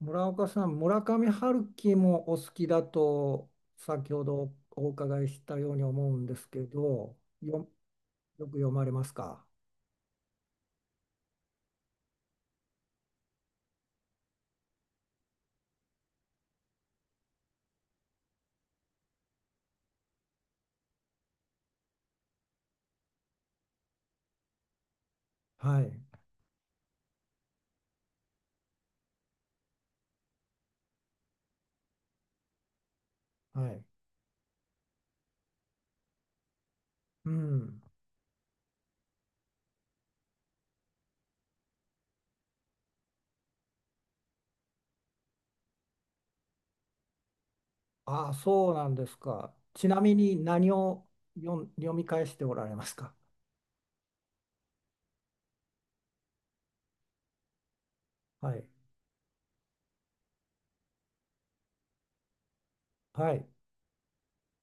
村岡さん、村上春樹もお好きだと先ほどお伺いしたように思うんですけど、よ、よく読まれますか？はい、はい。うん。ああ、そうなんですか。ちなみに何を読み返しておられますか？はい、はい、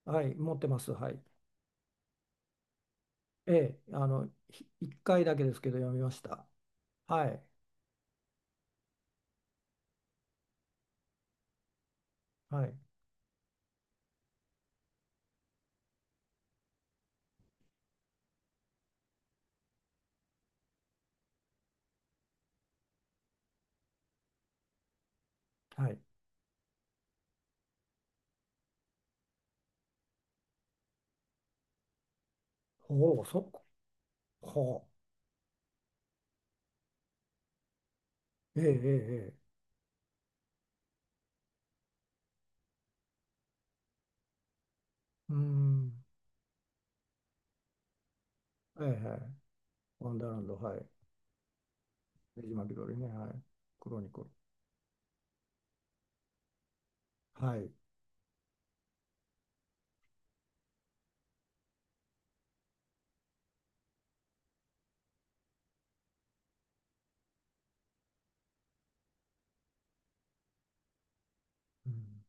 はい、持ってます。はい。ええ、一回だけですけど読みました。はい、はい、はい。ほう、ほう。ええ、ええ、ええ。うーん。ええ、ええ、ワンダーランド、はい。ネジマピどリね、はい。クロニクル。はい。うん、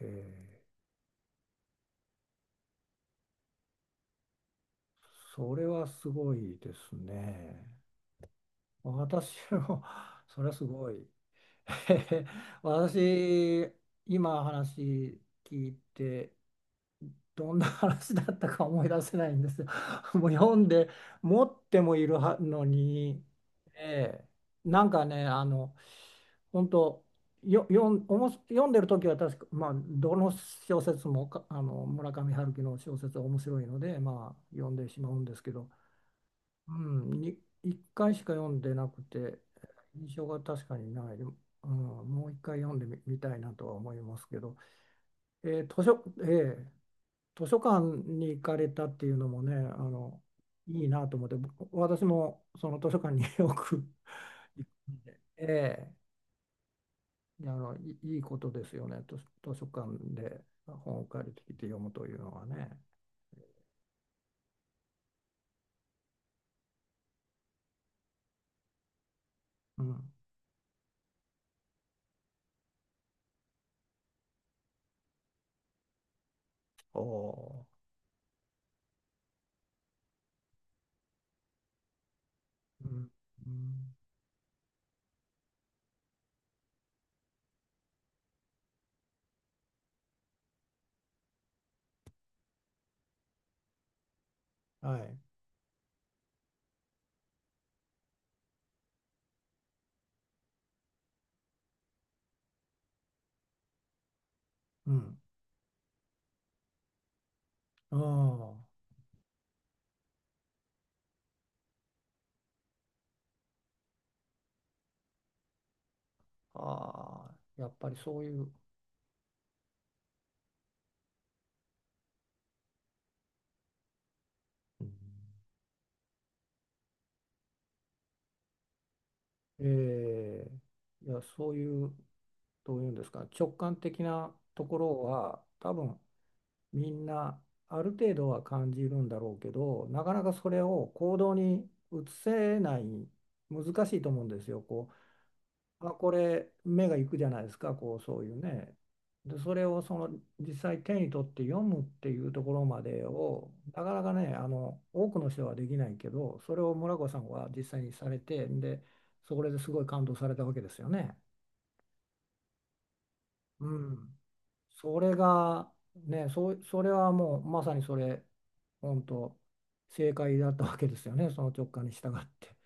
えーそれはすごいですね。私も それはすごい。私、今話聞いて、どんな話だったか思い出せないんですよ。もう読んで持ってもいるはのに、ええ、なんかね、本当、よよんおもし読んでる時は確か、まあ、どの小説もかあの村上春樹の小説は面白いので、まあ、読んでしまうんですけど、うん、1回しか読んでなくて、印象が確かにない、うん、もう1回読んでみ、みたいなとは思いますけど、えー図書、ええ、図書館に行かれたっていうのもね、いいなと思って、私もその図書館に よく行くんで、ええ、いや、いいことですよね、図書館で本を借りてきて読むというのはね。うん。おお。うん。うん。はい。うん。ああ。ああ。やっぱりそういう、うん、ええ、いや、そういう、どういうんですか、直感的なところは、多分みんなある程度は感じるんだろうけど、なかなかそれを行動に移せない、難しいと思うんですよ。こう、あ、これ目が行くじゃないですか、こう、そういうね。で、それをその実際手に取って読むっていうところまでを、なかなかね、あの多くの人はできないけど、それを村子さんは実際にされて、で、それですごい感動されたわけですよね。うん、それがね、それはもうまさにそれ、本当正解だったわけですよね、その直感に従って。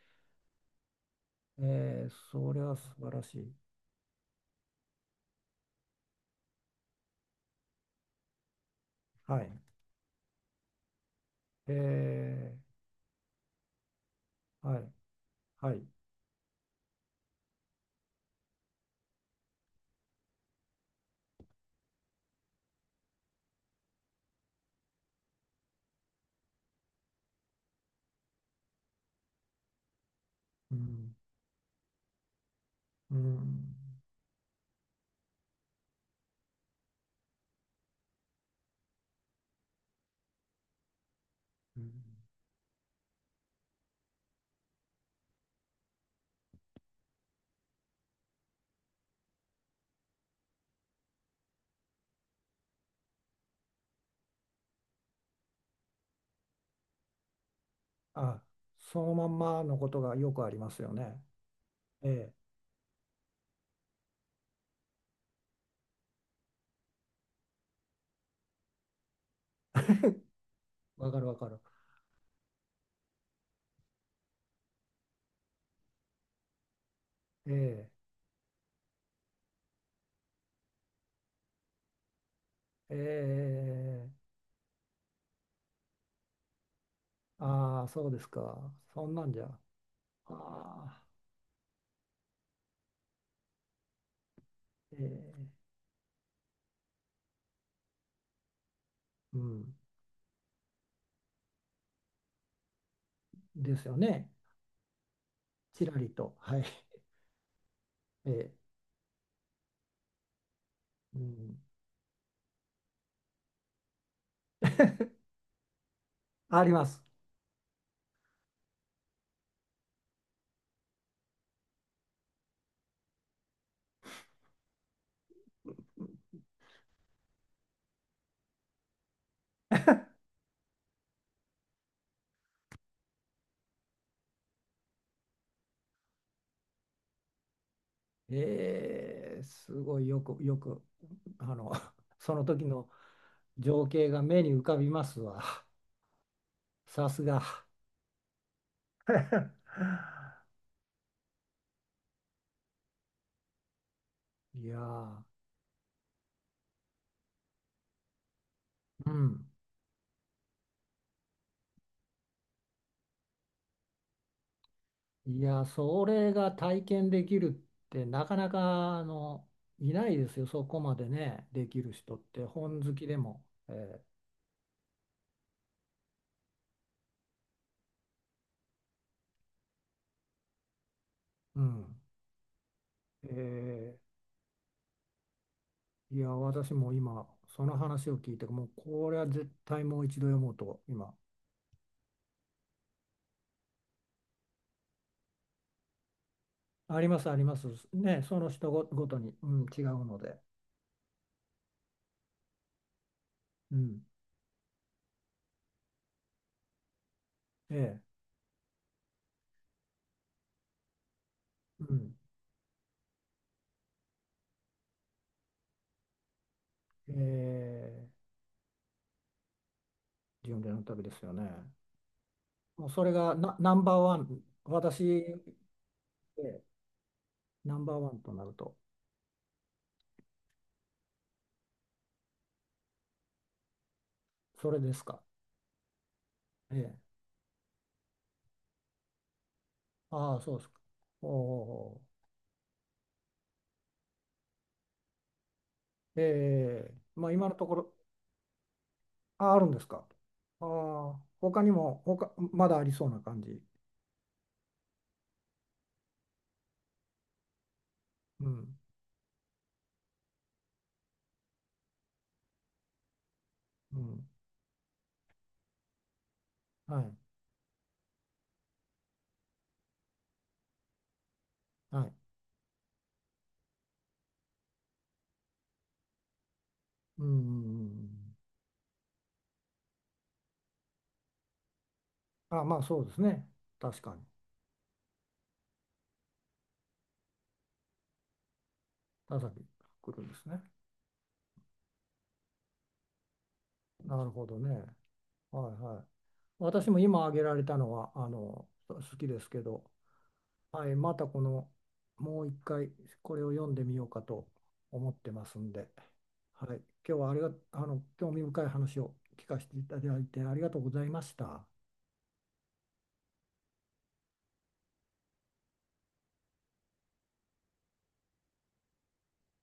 それは素晴らしい。はい。えー、はい。はい。うん。うん。うん、あ、そのまんまのことがよくありますよね。ええ、わかるわかる。ええ、ええ、ああ、そうですか。そんなんじゃ。ああ、ええ、うん。ですよね。ちらりと、はい、えー、うん、あります。すごい、よく、あの、その時の情景が目に浮かびますわ。さすが。いやー、うん。いやー、それが体験できるって、なかなかいないですよ、そこまでね、できる人って、本好きでも。うん。えーいや、私も今、その話を聞いて、もうこれは絶対もう一度読もうと、今。あります、あります。ね、そのごとに、うん、違うので。うん。ええ。うん。ええ。巡礼の旅ですよね。もうそれがナンバーワン、私、ええ、ナンバーワンとなると、それですか。ええ。ああ、そうですか。おお。ええ。まあ、今のところ、あ、あるんですか。ああ、他にも、他、まだありそうな感じ。うん。うん、はい、はい。うん、うんうんうん、あ、まあそうですね。確かに。田崎来るんですね。なるほどね。はいはい。私も今挙げられたのは、あの、好きですけど、はい、またこの、もう一回これを読んでみようかと思ってますんで、はい、今日はありが、あの、興味深い話を聞かせていただいてありがとうございました。